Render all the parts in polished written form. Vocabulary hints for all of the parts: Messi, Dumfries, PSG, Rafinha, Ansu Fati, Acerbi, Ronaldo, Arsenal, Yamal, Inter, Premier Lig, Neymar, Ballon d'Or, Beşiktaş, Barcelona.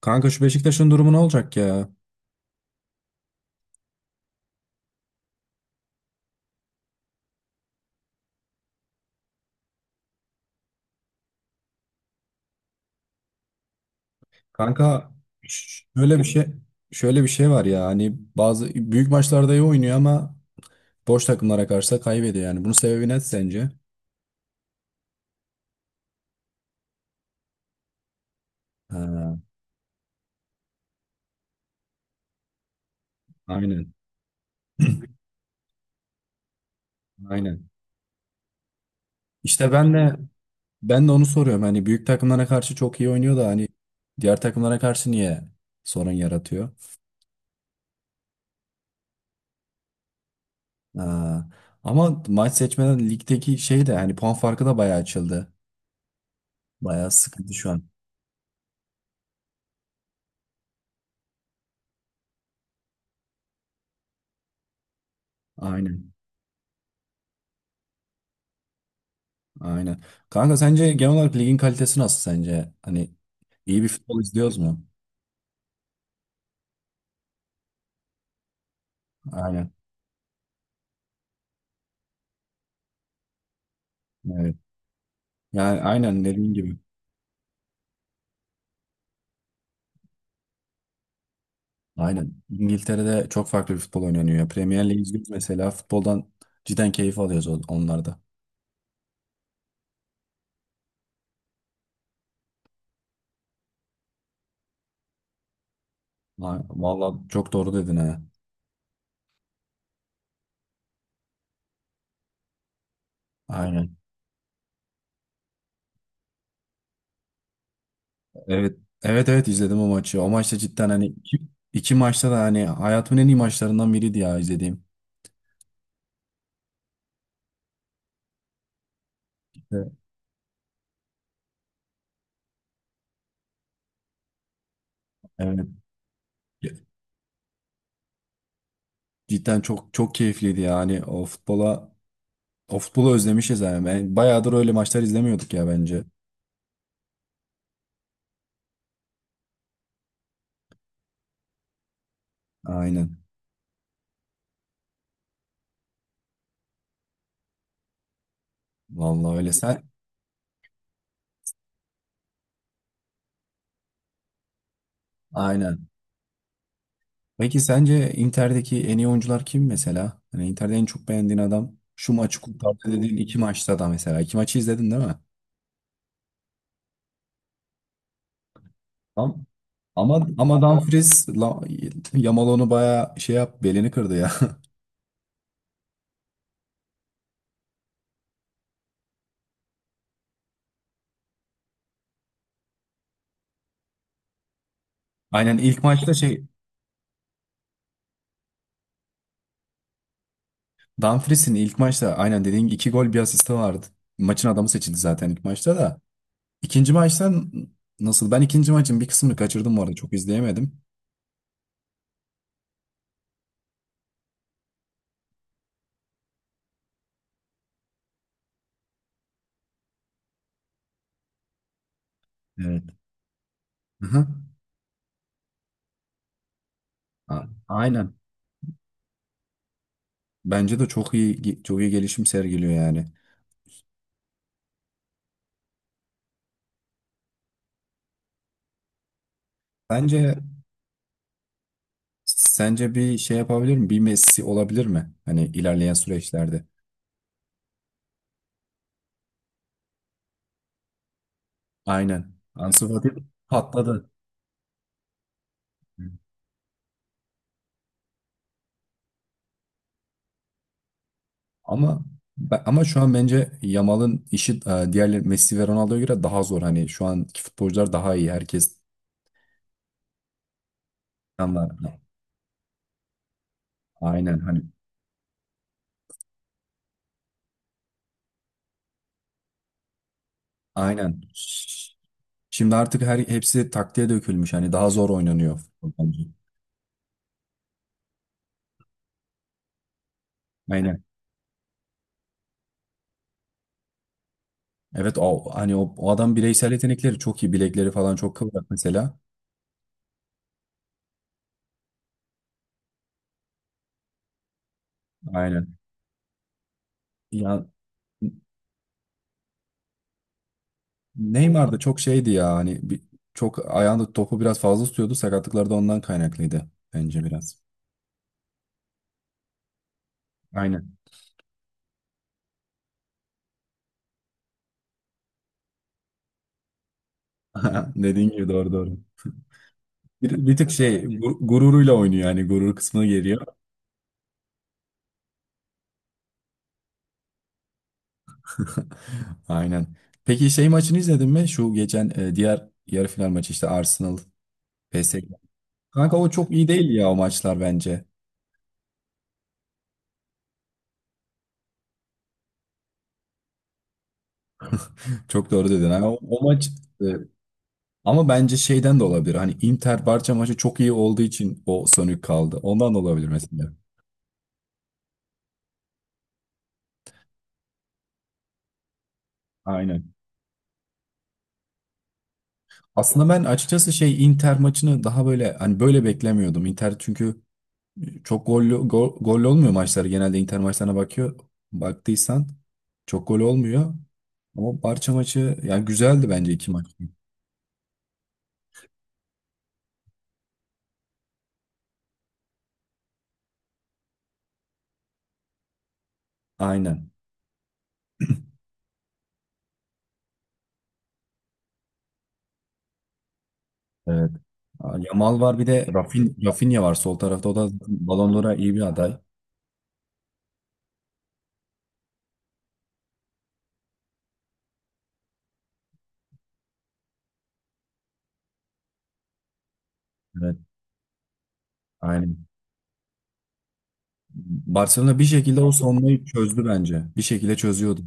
Kanka, şu Beşiktaş'ın durumu ne olacak ya? Kanka, Ş- Şöyle bir şey şöyle bir şey var ya, hani bazı büyük maçlarda iyi oynuyor ama boş takımlara karşı da kaybediyor yani. Bunun sebebi ne sence? Ha, aynen. Aynen. İşte ben de onu soruyorum. Hani büyük takımlara karşı çok iyi oynuyor da hani diğer takımlara karşı niye sorun yaratıyor? Ha, ama maç seçmeden ligdeki şey de hani puan farkı da bayağı açıldı. Bayağı sıkıntı şu an. Aynen. Aynen. Kanka, sence genel olarak ligin kalitesi nasıl sence? Hani iyi bir futbol izliyoruz mu? Aynen. Evet. Yani aynen dediğin gibi. Aynen. İngiltere'de çok farklı bir futbol oynanıyor ya. Premier Lig izliyoruz mesela. Futboldan cidden keyif alıyoruz onlarda. Vallahi çok doğru dedin ha. Aynen. Evet. Evet evet, izledim o maçı. O maçta cidden hani iki maçta da hani hayatımın en iyi maçlarından biriydi ya izlediğim. Evet. Evet. Cidden çok çok keyifliydi yani. O futbolu özlemişiz yani. Ben bayağıdır öyle maçlar izlemiyorduk ya bence. Aynen. Vallahi öyle. Sen aynen. Peki, sence Inter'deki en iyi oyuncular kim mesela? Hani Inter'de en çok beğendiğin adam şu maçı kurtardı dediğin iki maçta da mesela. İki maçı izledin değil mi? Tamam. Ama Dumfries la, Yamal onu bayağı şey yap belini kırdı ya. Aynen, ilk maçta şey Dumfries'in ilk maçta aynen dediğin gibi iki gol bir asisti vardı. Maçın adamı seçildi zaten ilk maçta da. İkinci maçtan nasıl? Ben ikinci maçın bir kısmını kaçırdım bu arada. Çok izleyemedim. Evet. Aha. Aynen. Bence de çok iyi, çok iyi gelişim sergiliyor yani. Bence sence bir şey yapabilir mi? Bir Messi olabilir mi? Hani ilerleyen süreçlerde. Aynen. Ansu Fati patladı. Ama ama şu an bence Yamal'ın işi, diğer Messi ve Ronaldo'ya göre daha zor. Hani şu anki futbolcular daha iyi. Herkes. Tamam. Aynen hani, aynen. Şimdi artık hepsi taktiğe dökülmüş. Hani daha zor oynanıyor futbol bence. Aynen. Evet, o adam bireysel yetenekleri çok iyi. Bilekleri falan çok kıvrak mesela. Aynen. Ya, Neymar da çok şeydi ya, hani çok ayağında topu biraz fazla tutuyordu. Sakatlıkları da ondan kaynaklıydı bence biraz. Aynen. Dediğin gibi, doğru doğru. Bir tık şey gururuyla oynuyor yani, gurur kısmına geliyor. Aynen. Peki, şey maçını izledin mi? Şu geçen, diğer yarı final maçı, işte Arsenal P S G. Kanka, o çok iyi değil ya, o maçlar bence. Çok doğru dedin. Yani o maç, e, ama bence şeyden de olabilir. Hani Inter Barça maçı çok iyi olduğu için o sönük kaldı. Ondan da olabilir mesela. Aynen. Aslında ben açıkçası şey Inter maçını daha böyle hani böyle beklemiyordum. Inter çünkü çok gollü olmuyor maçları. Genelde Inter maçlarına bakıyor. Baktıysan çok gol olmuyor. Ama Barça maçı yani güzeldi bence, iki maç. Aynen. Evet. Aa, Yamal var, bir de Rafinha var sol tarafta. O da Ballon d'Or'a iyi bir aday. Evet. Aynen. Barcelona bir şekilde o savunmayı çözdü bence. Bir şekilde çözüyordu.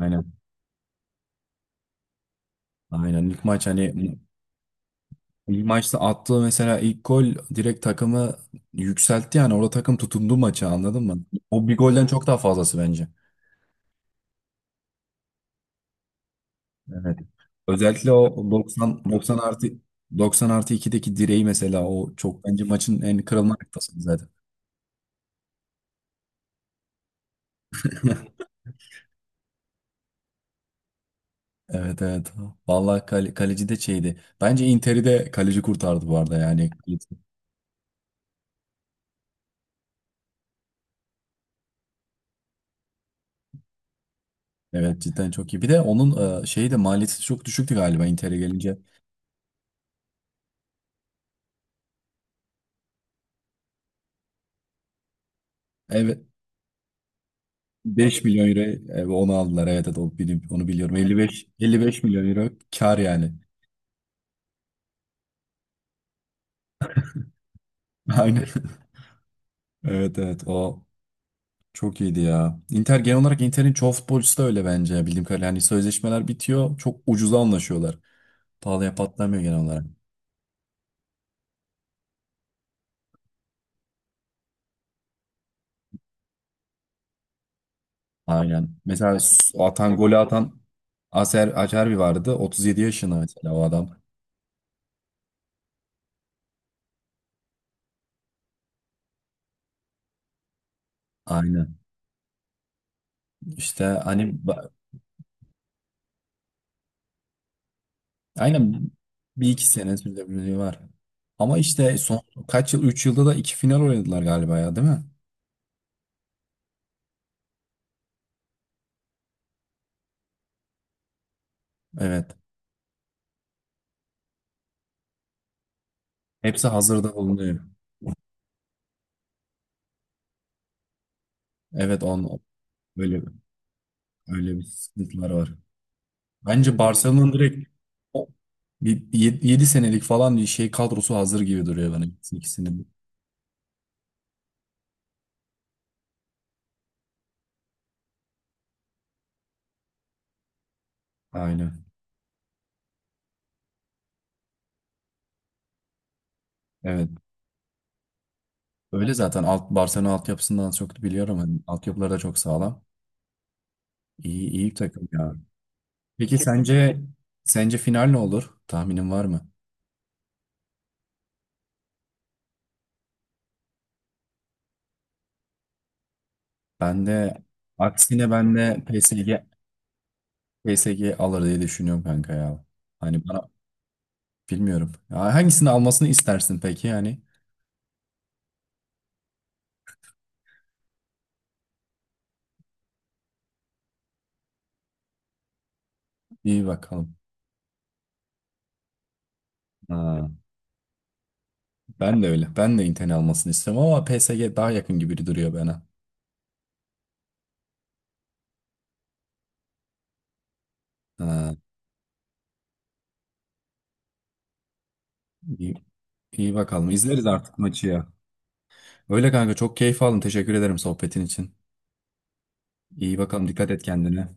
Aynen. Aynen. İlk maç hani ilk maçta attığı mesela ilk gol direkt takımı yükseltti yani. Orada takım tutundu maça, anladın mı? O bir golden çok daha fazlası bence. Evet. Özellikle o 90 artı 2'deki direği mesela, o çok, bence maçın en kırılma noktasıydı zaten. Evet evet. Vallahi, kaleci de şeydi. Bence Inter'i de kaleci kurtardı bu arada yani. Evet, cidden çok iyi. Bir de onun, şeyi de, maliyeti çok düşüktü galiba Inter'e gelince. Evet, 5 milyon euro, onu aldılar. Evet evet, o onu biliyorum. 55 milyon euro kar yani. Aynen. Evet evet, o çok iyiydi ya. Inter genel olarak Inter'in çoğu futbolcusu da öyle bence, bildiğim kadarıyla. Hani sözleşmeler bitiyor, çok ucuza anlaşıyorlar. Pahalıya patlamıyor genel olarak. Aynen. Mesela s- atan golü atan Aser Acerbi vardı. 37 yaşında mesela o adam. Aynen. İşte hani aynen, bir iki sene sürdürülebilirliği var. Ama işte son kaç yıl 3 yılda da iki final oynadılar galiba ya, değil mi? Evet. Hepsi hazırda bulunuyor. Evet, on öyle öyle bir sıkıntılar var. Bence Barcelona'nın direkt o 7 senelik falan bir şey kadrosu hazır gibi duruyor bana, ikisinin. Aynen. Evet. Öyle zaten Barcelona altyapısından az çok biliyorum. Hani altyapıları da çok sağlam. İyi, iyi bir takım ya. Peki, sence final ne olur? Tahminin var mı? Ben de aksine ben de PSG alır diye düşünüyorum kanka ya. Hani bana bilmiyorum. Ya, hangisini almasını istersin peki yani? İyi bakalım. Ha, ben de öyle. Ben de Inter'in almasını istiyorum ama PSG daha yakın gibi duruyor bana. Ha, iyi, iyi bakalım. İzleriz artık maçı ya. Öyle kanka, çok keyif aldım. Teşekkür ederim sohbetin için. İyi bakalım, dikkat et kendine.